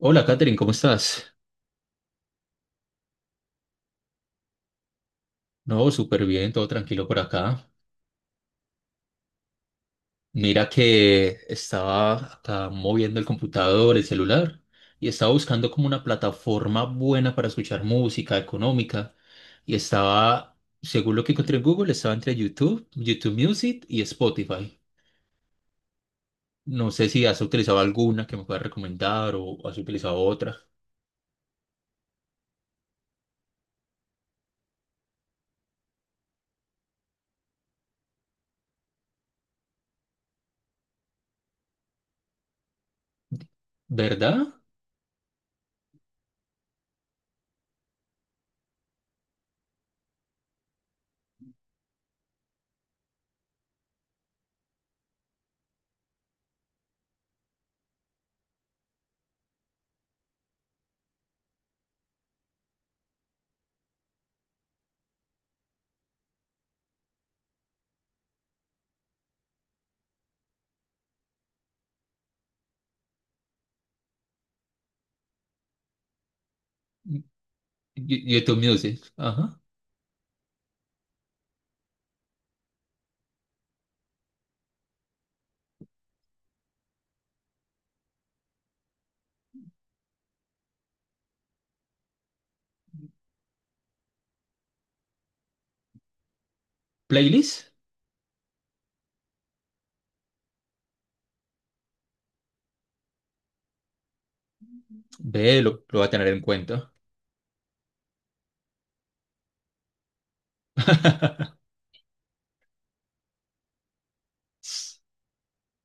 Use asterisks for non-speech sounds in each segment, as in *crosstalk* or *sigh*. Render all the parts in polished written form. Hola, Katherine, ¿cómo estás? No, súper bien, todo tranquilo por acá. Mira que estaba acá moviendo el computador, el celular, y estaba buscando como una plataforma buena para escuchar música económica. Y estaba, según lo que encontré en Google, estaba entre YouTube, YouTube Music y Spotify. No sé si has utilizado alguna que me puedas recomendar o has utilizado otra, ¿verdad? YouTube Music, ajá. ¿Playlist? Ve, lo voy a tener en cuenta.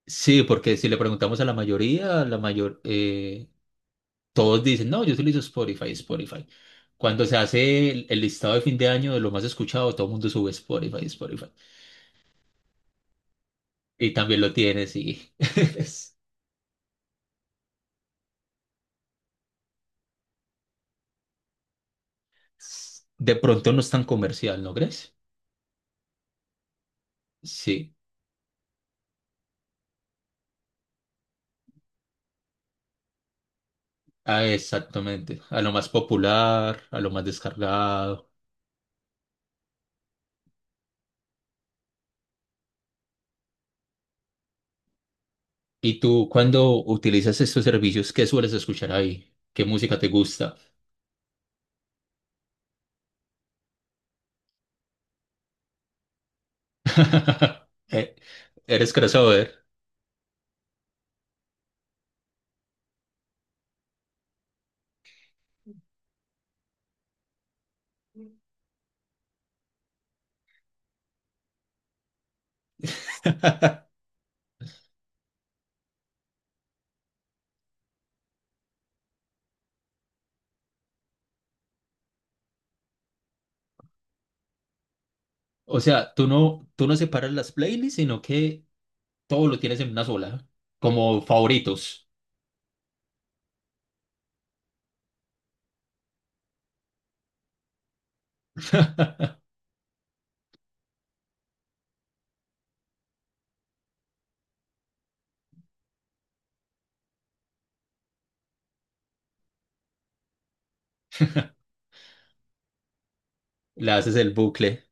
Sí, porque si le preguntamos a la mayoría, la mayor, todos dicen, no, yo utilizo Spotify, Spotify. Cuando se hace el listado de fin de año de lo más escuchado, todo el mundo sube Spotify, Spotify. Y también lo tienes y *laughs* de pronto no es tan comercial, ¿no crees? Sí, ah, exactamente. A lo más popular, a lo más descargado. ¿Y tú, cuando utilizas estos servicios, qué sueles escuchar ahí? ¿Qué música te gusta? *laughs* Eh, ¿eres crossover? *laughs* O sea, tú no separas las playlists, sino que todo lo tienes en una sola, como favoritos. *laughs* Le haces el bucle.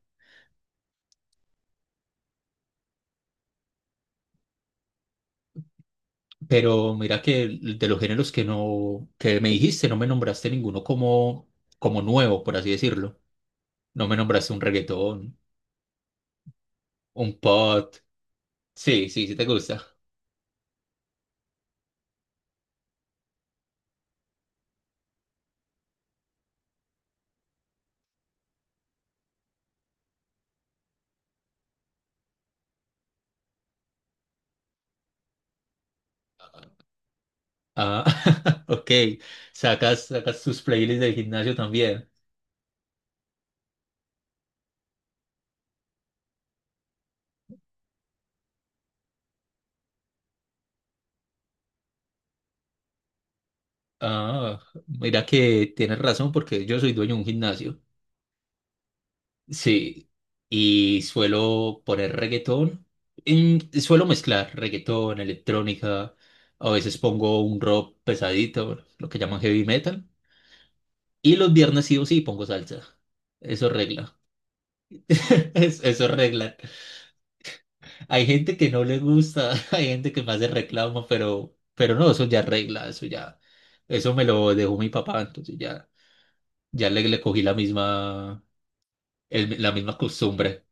Pero mira que de los géneros que no, que me dijiste, no me nombraste ninguno como, como nuevo, por así decirlo. No me nombraste un reggaetón, un pop. Sí, sí, sí te gusta. Ah, *laughs* ok. Sacas, sacas tus playlists del gimnasio también. Ah, mira que tienes razón porque yo soy dueño de un gimnasio. Sí, y suelo poner reggaetón. Suelo mezclar reggaetón, electrónica, a veces pongo un rock pesadito, bueno, lo que llaman heavy metal. Y los viernes sí o sí pongo salsa. Eso regla. *laughs* Eso regla. Hay gente que no le gusta, *laughs* hay gente que me hace reclamo, pero no, eso ya regla, eso ya. Eso me lo dejó mi papá, entonces ya, ya le cogí la misma, la misma costumbre.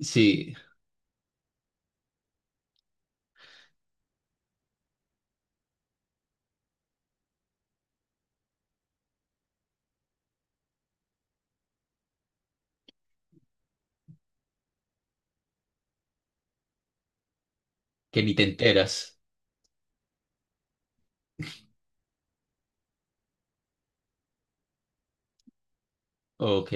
Sí, que ni te enteras. Ok.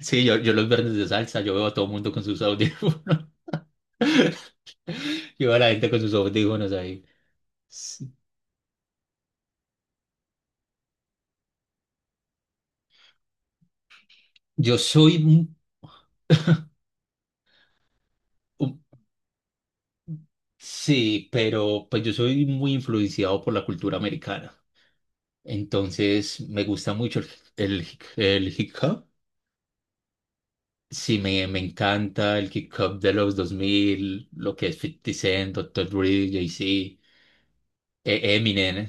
Sí, yo los viernes de salsa, yo veo a todo el mundo con sus audífonos. *laughs* Yo veo a la gente con sus audífonos ahí. Sí. Yo soy, mu- um, Sí, pero pues yo soy muy influenciado por la cultura americana. Entonces me gusta mucho el, el hip hop. Sí, me encanta el hip hop de los 2000, lo que es 50 Cent, Dr. Dre, Jay-Z, Eminem.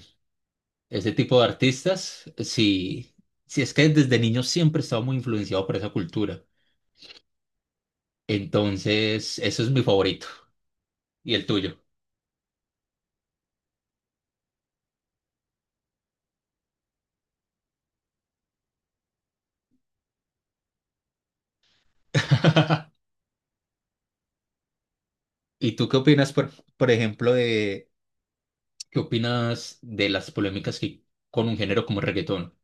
Ese tipo de artistas, sí, sí es que desde niño siempre he estado muy influenciado por esa cultura. Entonces, eso es mi favorito y el tuyo. *laughs* ¿Y tú qué opinas, por ejemplo, de qué opinas de las polémicas que con un género como el reggaetón?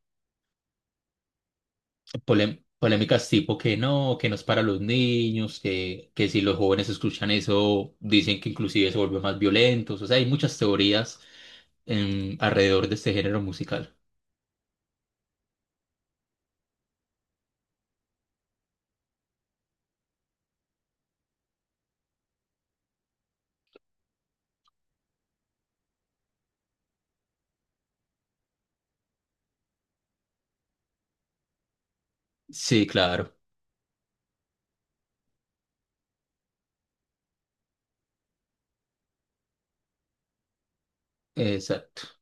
Polémicas tipo que no es para los niños, que si los jóvenes escuchan eso, dicen que inclusive se vuelven más violentos. O sea, hay muchas teorías alrededor de este género musical. Sí, claro, exacto.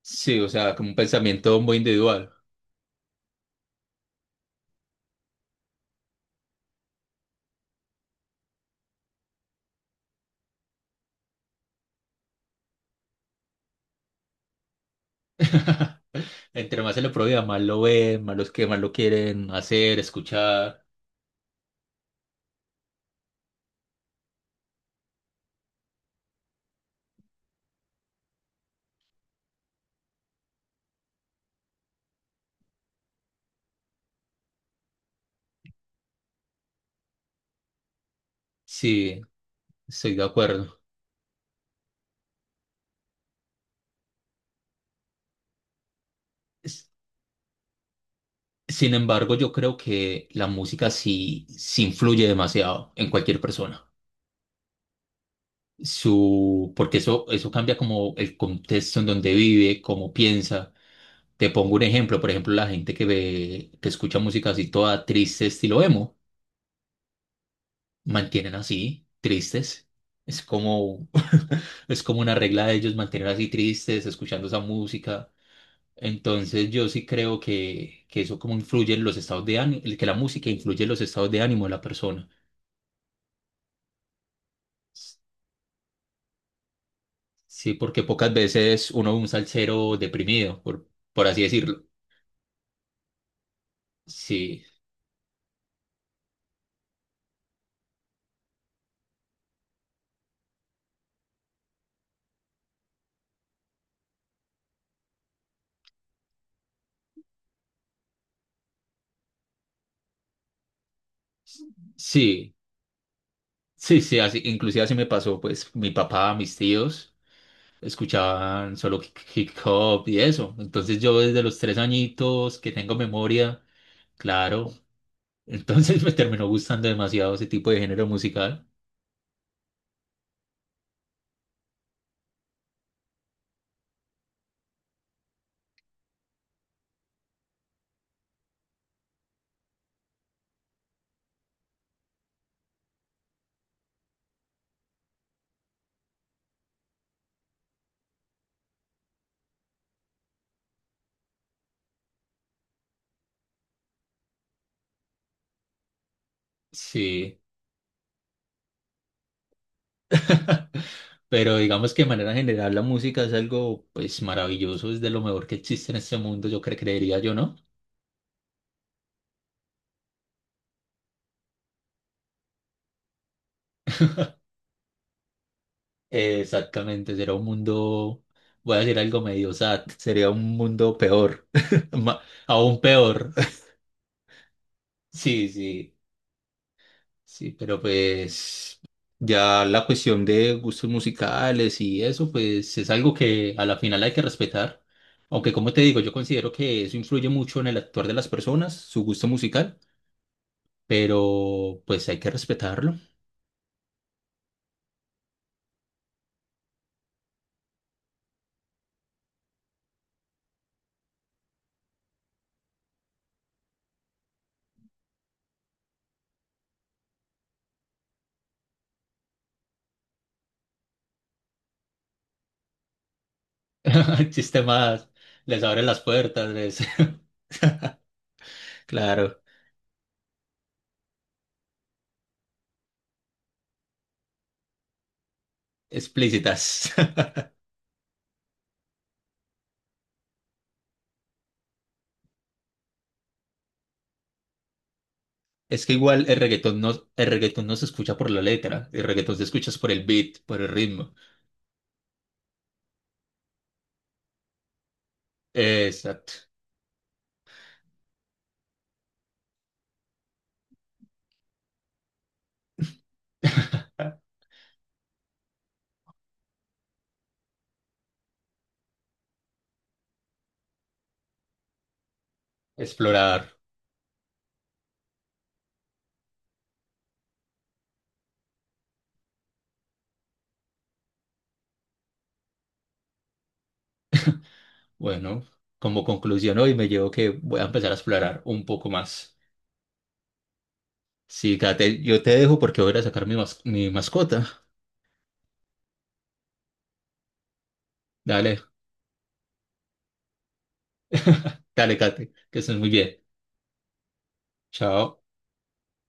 Sí, o sea, como un pensamiento muy individual. *laughs* Entre más se lo prohíba, más lo ven, más los que más lo quieren hacer, escuchar. Sí, estoy de acuerdo. S- Sin embargo, yo creo que la música sí influye demasiado en cualquier persona. Su, porque eso cambia como el contexto en donde vive, cómo piensa. Te pongo un ejemplo, por ejemplo, la gente que ve, que escucha música así toda triste, estilo emo. Mantienen así, tristes. Es como, *laughs* es como una regla de ellos mantener así tristes, escuchando esa música. Entonces yo sí creo que eso como influye en los estados de ánimo, que la música influye en los estados de ánimo de la persona. Sí, porque pocas veces uno ve un salsero deprimido, por así decirlo. Sí, sí, sí, sí, así, inclusive así me pasó, pues, mi papá, mis tíos. Escuchaban solo hip hop y eso. Entonces yo desde los 3 añitos que tengo memoria, claro, entonces *laughs* me terminó gustando demasiado ese tipo de género musical. Sí. *laughs* Pero digamos que de manera general la música es algo pues maravilloso, es de lo mejor que existe en este mundo, yo creería yo, ¿no? Exactamente, será un mundo, voy a decir algo medio sad, sería un mundo peor, *laughs* ma- aún peor. *laughs* Sí, sí. Sí, pero pues ya la cuestión de gustos musicales y eso, pues es algo que a la final hay que respetar. Aunque como te digo, yo considero que eso influye mucho en el actuar de las personas, su gusto musical, pero pues hay que respetarlo. *laughs* El sistema les abre las puertas, les... *laughs* Claro, explícitas. *laughs* Es que igual el reggaetón no se escucha por la letra, el reggaetón se escucha es por el beat, por el ritmo. Exacto, explorar. Bueno, como conclusión hoy me llevo que voy a empezar a explorar un poco más. Sí, Kate, yo te dejo porque voy a ir a sacar mi, mi mascota. Dale, dale, Kate, que estés muy bien. Chao.